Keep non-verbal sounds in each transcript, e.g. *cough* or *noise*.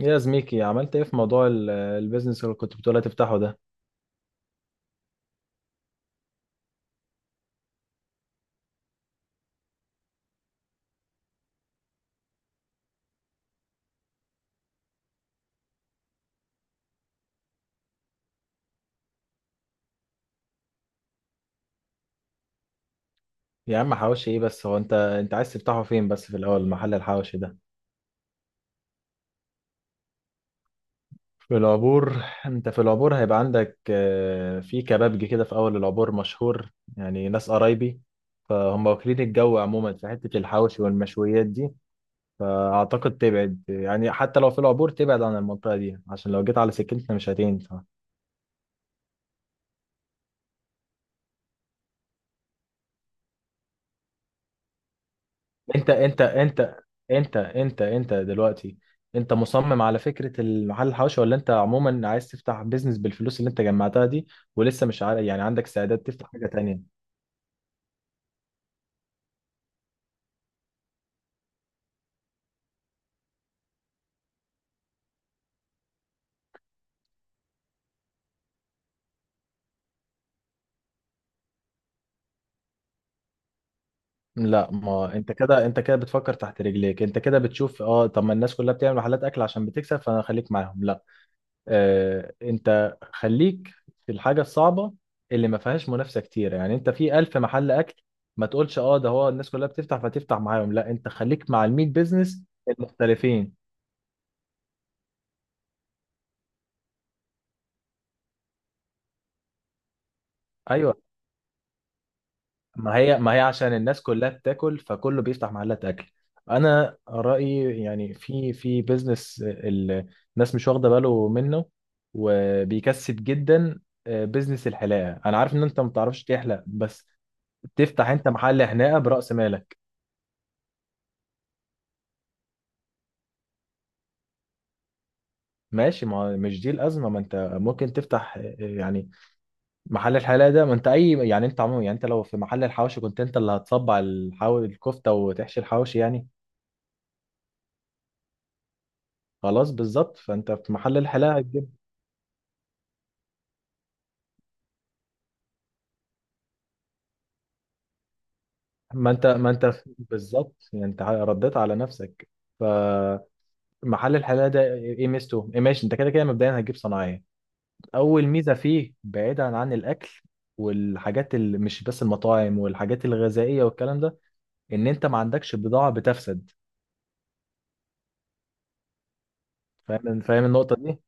إيه يا زميكي، عملت ايه في موضوع البيزنس اللي كنت بتقول تفتحه ده؟ يا عم حواوشي ايه بس، هو انت عايز تفتحه فين بس في الاول محل الحواوشي ده؟ في العبور؟ انت في العبور هيبقى عندك في كبابجي كده في اول العبور مشهور، يعني ناس قرايبي، فهم واكلين الجو عموما في حتة الحواوشي والمشويات دي. فاعتقد تبعد، يعني حتى لو في العبور تبعد عن المنطقة دي، عشان لو جيت على سكتنا مش هتنفع. انت انت انت انت دلوقتي انت مصمم على فكرة المحل الحواشي، ولا انت عموما عايز تفتح بيزنس بالفلوس اللي انت جمعتها دي، ولسه مش عارف؟ يعني عندك استعداد تفتح حاجة تانية؟ لا، ما انت كده انت كده بتفكر تحت رجليك، انت كده بتشوف، اه طب ما الناس كلها بتعمل محلات اكل عشان بتكسب، فانا خليك معاهم. لا، انت خليك في الحاجه الصعبه اللي ما فيهاش منافسه كتير. يعني انت في ألف محل اكل، ما تقولش اه ده هو الناس كلها بتفتح فتفتح معاهم. لا انت خليك مع الميت بيزنس المختلفين. ايوه، ما هي عشان الناس كلها بتاكل فكله بيفتح محلات اكل. انا رايي يعني في بيزنس الناس مش واخده باله منه وبيكسب جدا، بيزنس الحلاقه. انا عارف ان انت ما بتعرفش تحلق، بس تفتح انت محل حلاقه براس مالك. ماشي، ما مش دي الأزمة. ما أنت ممكن تفتح يعني محل الحلاقة ده. ما أنت أي يعني أنت عموما يعني أنت لو في محل الحواوشي كنت أنت اللي هتصبع الكفتة وتحشي الحواوشي يعني. خلاص، بالظبط، فأنت في محل الحلاقة هتجيب. ما أنت ما أنت في- *laughs* بالظبط، يعني أنت رديت على نفسك. فمحل الحلاقة ده إيه إيه ميزته؟ إيه، ماشي، أنت كده كده مبدئيا هتجيب صناعية. أول ميزة فيه بعيدا عن الأكل والحاجات اللي مش بس المطاعم والحاجات الغذائية والكلام ده، إن أنت ما عندكش بضاعة بتفسد. فاهم النقطة دي؟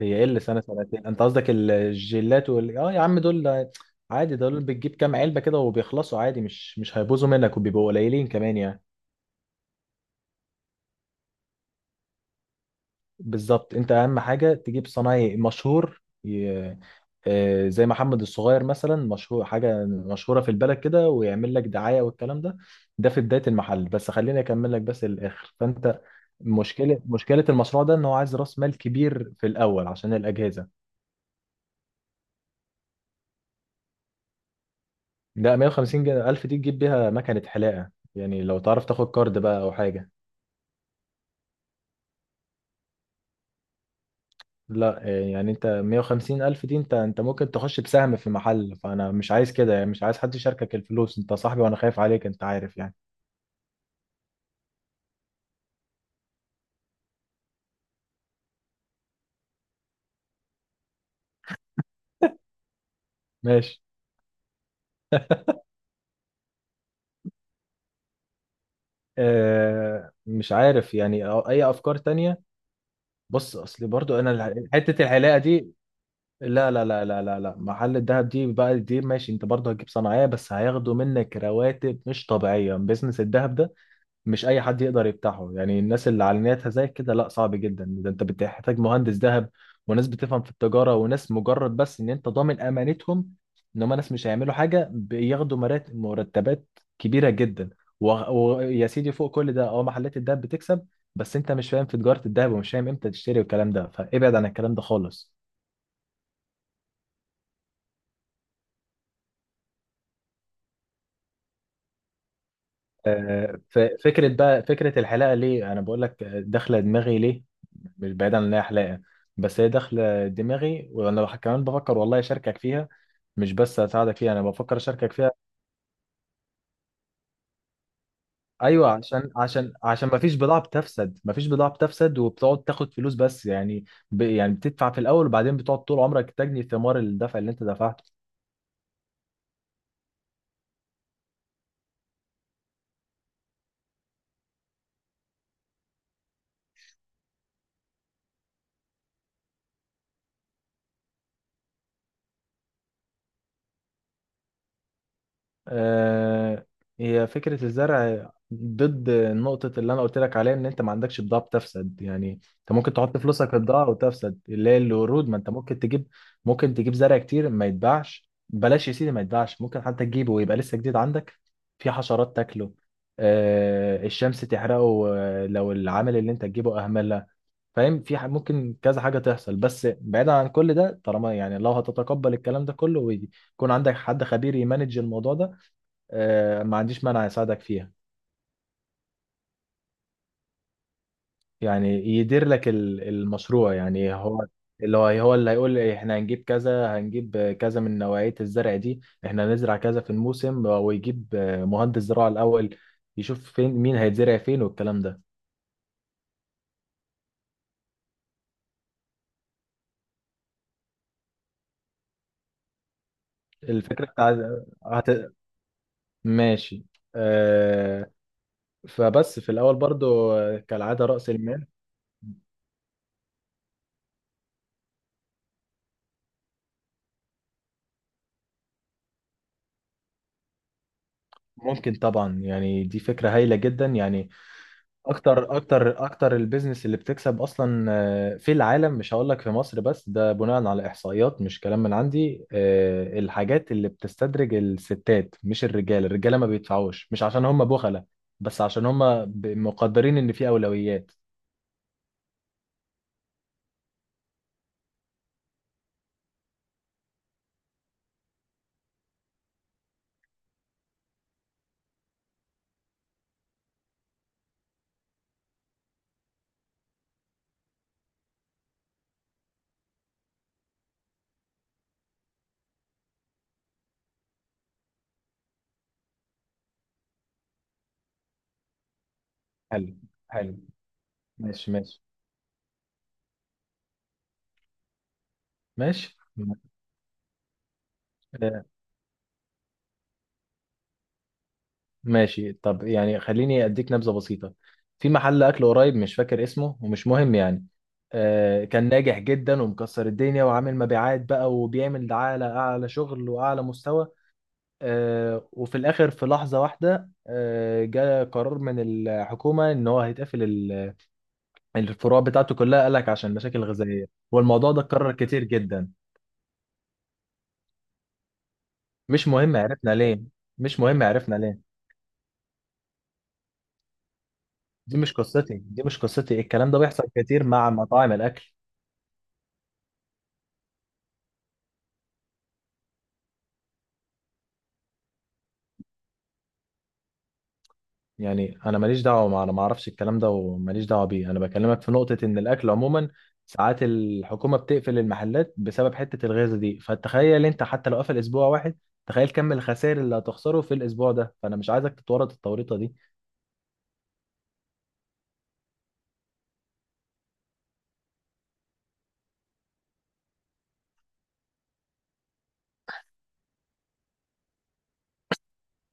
هي ايه اللي سنة سنتين؟ انت قصدك الجيلات وال اه؟ يا عم دول عادي، دول بتجيب كام علبة كده وبيخلصوا عادي، مش هيبوظوا منك، وبيبقوا قليلين كمان يعني. بالظبط، انت اهم حاجة تجيب صنايعي مشهور، زي محمد الصغير مثلا، مشهور حاجة مشهورة في البلد كده، ويعمل لك دعاية والكلام ده. ده في بداية المحل بس، خليني اكمل لك بس الاخر. فانت مشكلة المشروع ده ان هو عايز راس مال كبير في الاول عشان الاجهزة. لا، 150 جنيه 1000 دي تجيب بيها مكنة حلاقة، يعني لو تعرف تاخد كارد بقى أو حاجة. لا، يعني أنت 150 ألف دي أنت ممكن تخش بسهم في محل، فأنا مش عايز كده. يعني مش عايز حد يشاركك الفلوس، أنت صاحبي وأنا خايف عليك أنت عارف يعني. ماشي، آه مش عارف يعني، أو أي أفكار تانية. بص، أصلي برضو أنا حتة الحلاقة دي. لا محل الدهب دي بقى دي ماشي، أنت برضو هتجيب صناعية، بس هياخدوا منك رواتب مش طبيعية. بيزنس الدهب مش اي حد يقدر يفتحه، يعني الناس اللي على نيتها زي كده لا، صعب جدا. ده انت بتحتاج مهندس ذهب، وناس بتفهم في التجاره، وناس مجرد بس ان انت ضامن امانتهم، ان هم ناس مش هيعملوا حاجه. بياخدوا مرتبات كبيره جدا، و- ويا سيدي فوق كل ده اه، محلات الذهب بتكسب، بس انت مش فاهم في تجاره الذهب، ومش فاهم امتى تشتري والكلام ده، فابعد عن الكلام ده خالص. فكرة بقى، فكرة الحلاقة ليه أنا بقول لك داخلة دماغي؟ ليه؟ مش بعيدا عن إن هي حلاقة، بس هي داخلة دماغي، وأنا كمان بفكر والله أشاركك فيها، مش بس أساعدك فيها، أنا بفكر أشاركك فيها. أيوه، عشان مفيش بضاعة بتفسد، مفيش بضاعة بتفسد، وبتقعد تاخد فلوس بس يعني. يعني بتدفع في الأول، وبعدين بتقعد طول عمرك تجني ثمار الدفع اللي أنت دفعته. آه، هي فكرة الزرع ضد نقطة اللي أنا قلت لك عليها إن أنت ما عندكش بضاعة بتفسد. يعني أنت ممكن تحط فلوسك في بضاعة وتفسد، اللي هي الورود. ما أنت ممكن تجيب، ممكن تجيب زرع كتير ما يتباعش، بلاش يا سيدي ما يتباعش، ممكن حتى تجيبه ويبقى لسه جديد عندك، في حشرات تاكله، الشمس تحرقه، لو العامل اللي أنت تجيبه أهملها. فاهم؟ ممكن كذا حاجة تحصل، بس بعيدا عن كل ده، طالما يعني لو هتتقبل الكلام ده كله، ويكون عندك حد خبير يمانج الموضوع ده، ما عنديش مانع يساعدك فيها. يعني يدير لك المشروع يعني، هو اللي هو هو اللي هيقول لي احنا هنجيب كذا، هنجيب كذا من نوعية الزرع دي، احنا هنزرع كذا في الموسم، ويجيب مهندس زراعة الأول، يشوف فين، مين هيتزرع فين والكلام ده. الفكرة بتاع هت... ماشي. آه، فبس في الأول برضو كالعادة رأس المال. ممكن طبعا، يعني دي فكرة هايلة جدا يعني. اكتر البيزنس اللي بتكسب اصلا في العالم، مش هقول لك في مصر بس، ده بناء على احصائيات مش كلام من عندي، الحاجات اللي بتستدرج الستات مش الرجال. الرجاله ما بيدفعوش، مش عشان هم بخلة، بس عشان هم مقدرين ان في اولويات. حلو، حلو. ماشي، ماشي، ماشي. آه، ماشي، طب يعني خليني اديك نبذه بسيطه. في محل اكل قريب، مش فاكر اسمه ومش مهم يعني، آه كان ناجح جدا ومكسر الدنيا وعامل مبيعات بقى، وبيعمل دعايه لاعلى شغل واعلى مستوى، آه وفي الاخر في لحظه واحده آه جاء قرار من الحكومه ان هو هيتقفل الفروع بتاعته كلها، قال لك عشان مشاكل غذائيه، والموضوع ده اتكرر كتير جدا. مش مهم عرفنا ليه، مش مهم عرفنا ليه. دي مش قصتي، دي مش قصتي. الكلام ده بيحصل كتير مع مطاعم الاكل، يعني انا ماليش دعوه مع، انا ما اعرفش الكلام ده وماليش دعوه بيه. انا بكلمك في نقطه ان الاكل عموما ساعات الحكومه بتقفل المحلات بسبب حته الغازه دي. فتخيل انت، حتى لو قفل اسبوع واحد، تخيل كم الخسائر اللي هتخسره في الاسبوع ده، فانا مش عايزك تتورط التوريطه دي.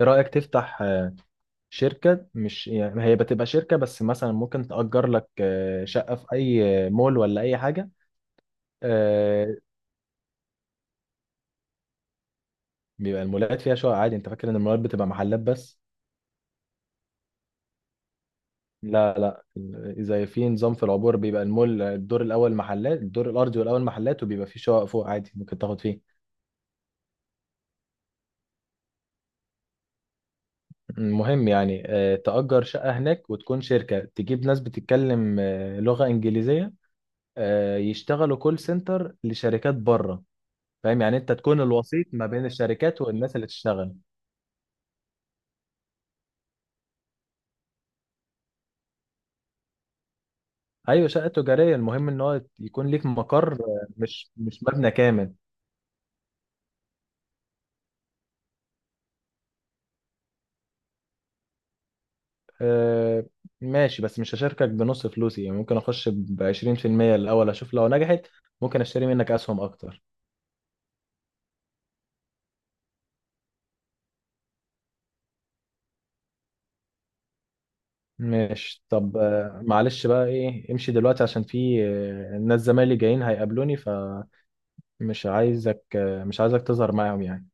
ايه رايك تفتح شركه؟ مش يعني هي بتبقى شركه بس، مثلا ممكن تأجر لك شقه في اي مول ولا اي حاجه. آه، بيبقى المولات فيها شقق عادي، انت فاكر ان المولات بتبقى محلات بس؟ لا لا، زي في نظام في العبور بيبقى المول الدور الاول محلات، الدور الارضي والاول محلات، وبيبقى في شقق فوق عادي ممكن تاخد فيه. المهم يعني تأجر شقة هناك، وتكون شركة تجيب ناس بتتكلم لغة إنجليزية، يشتغلوا كول سنتر لشركات بره. فاهم؟ يعني انت تكون الوسيط ما بين الشركات والناس اللي تشتغل. ايوه شقة تجارية، المهم ان هو يكون ليك مقر، مش مبنى كامل. آه، ماشي، بس مش هشاركك بنص فلوسي يعني، ممكن اخش بعشرين% الاول، اشوف لو نجحت ممكن اشتري منك اسهم اكتر. ماشي. طب معلش بقى، ايه امشي دلوقتي عشان في ناس زمايلي جايين هيقابلوني، فمش عايزك مش عايزك تظهر معاهم يعني.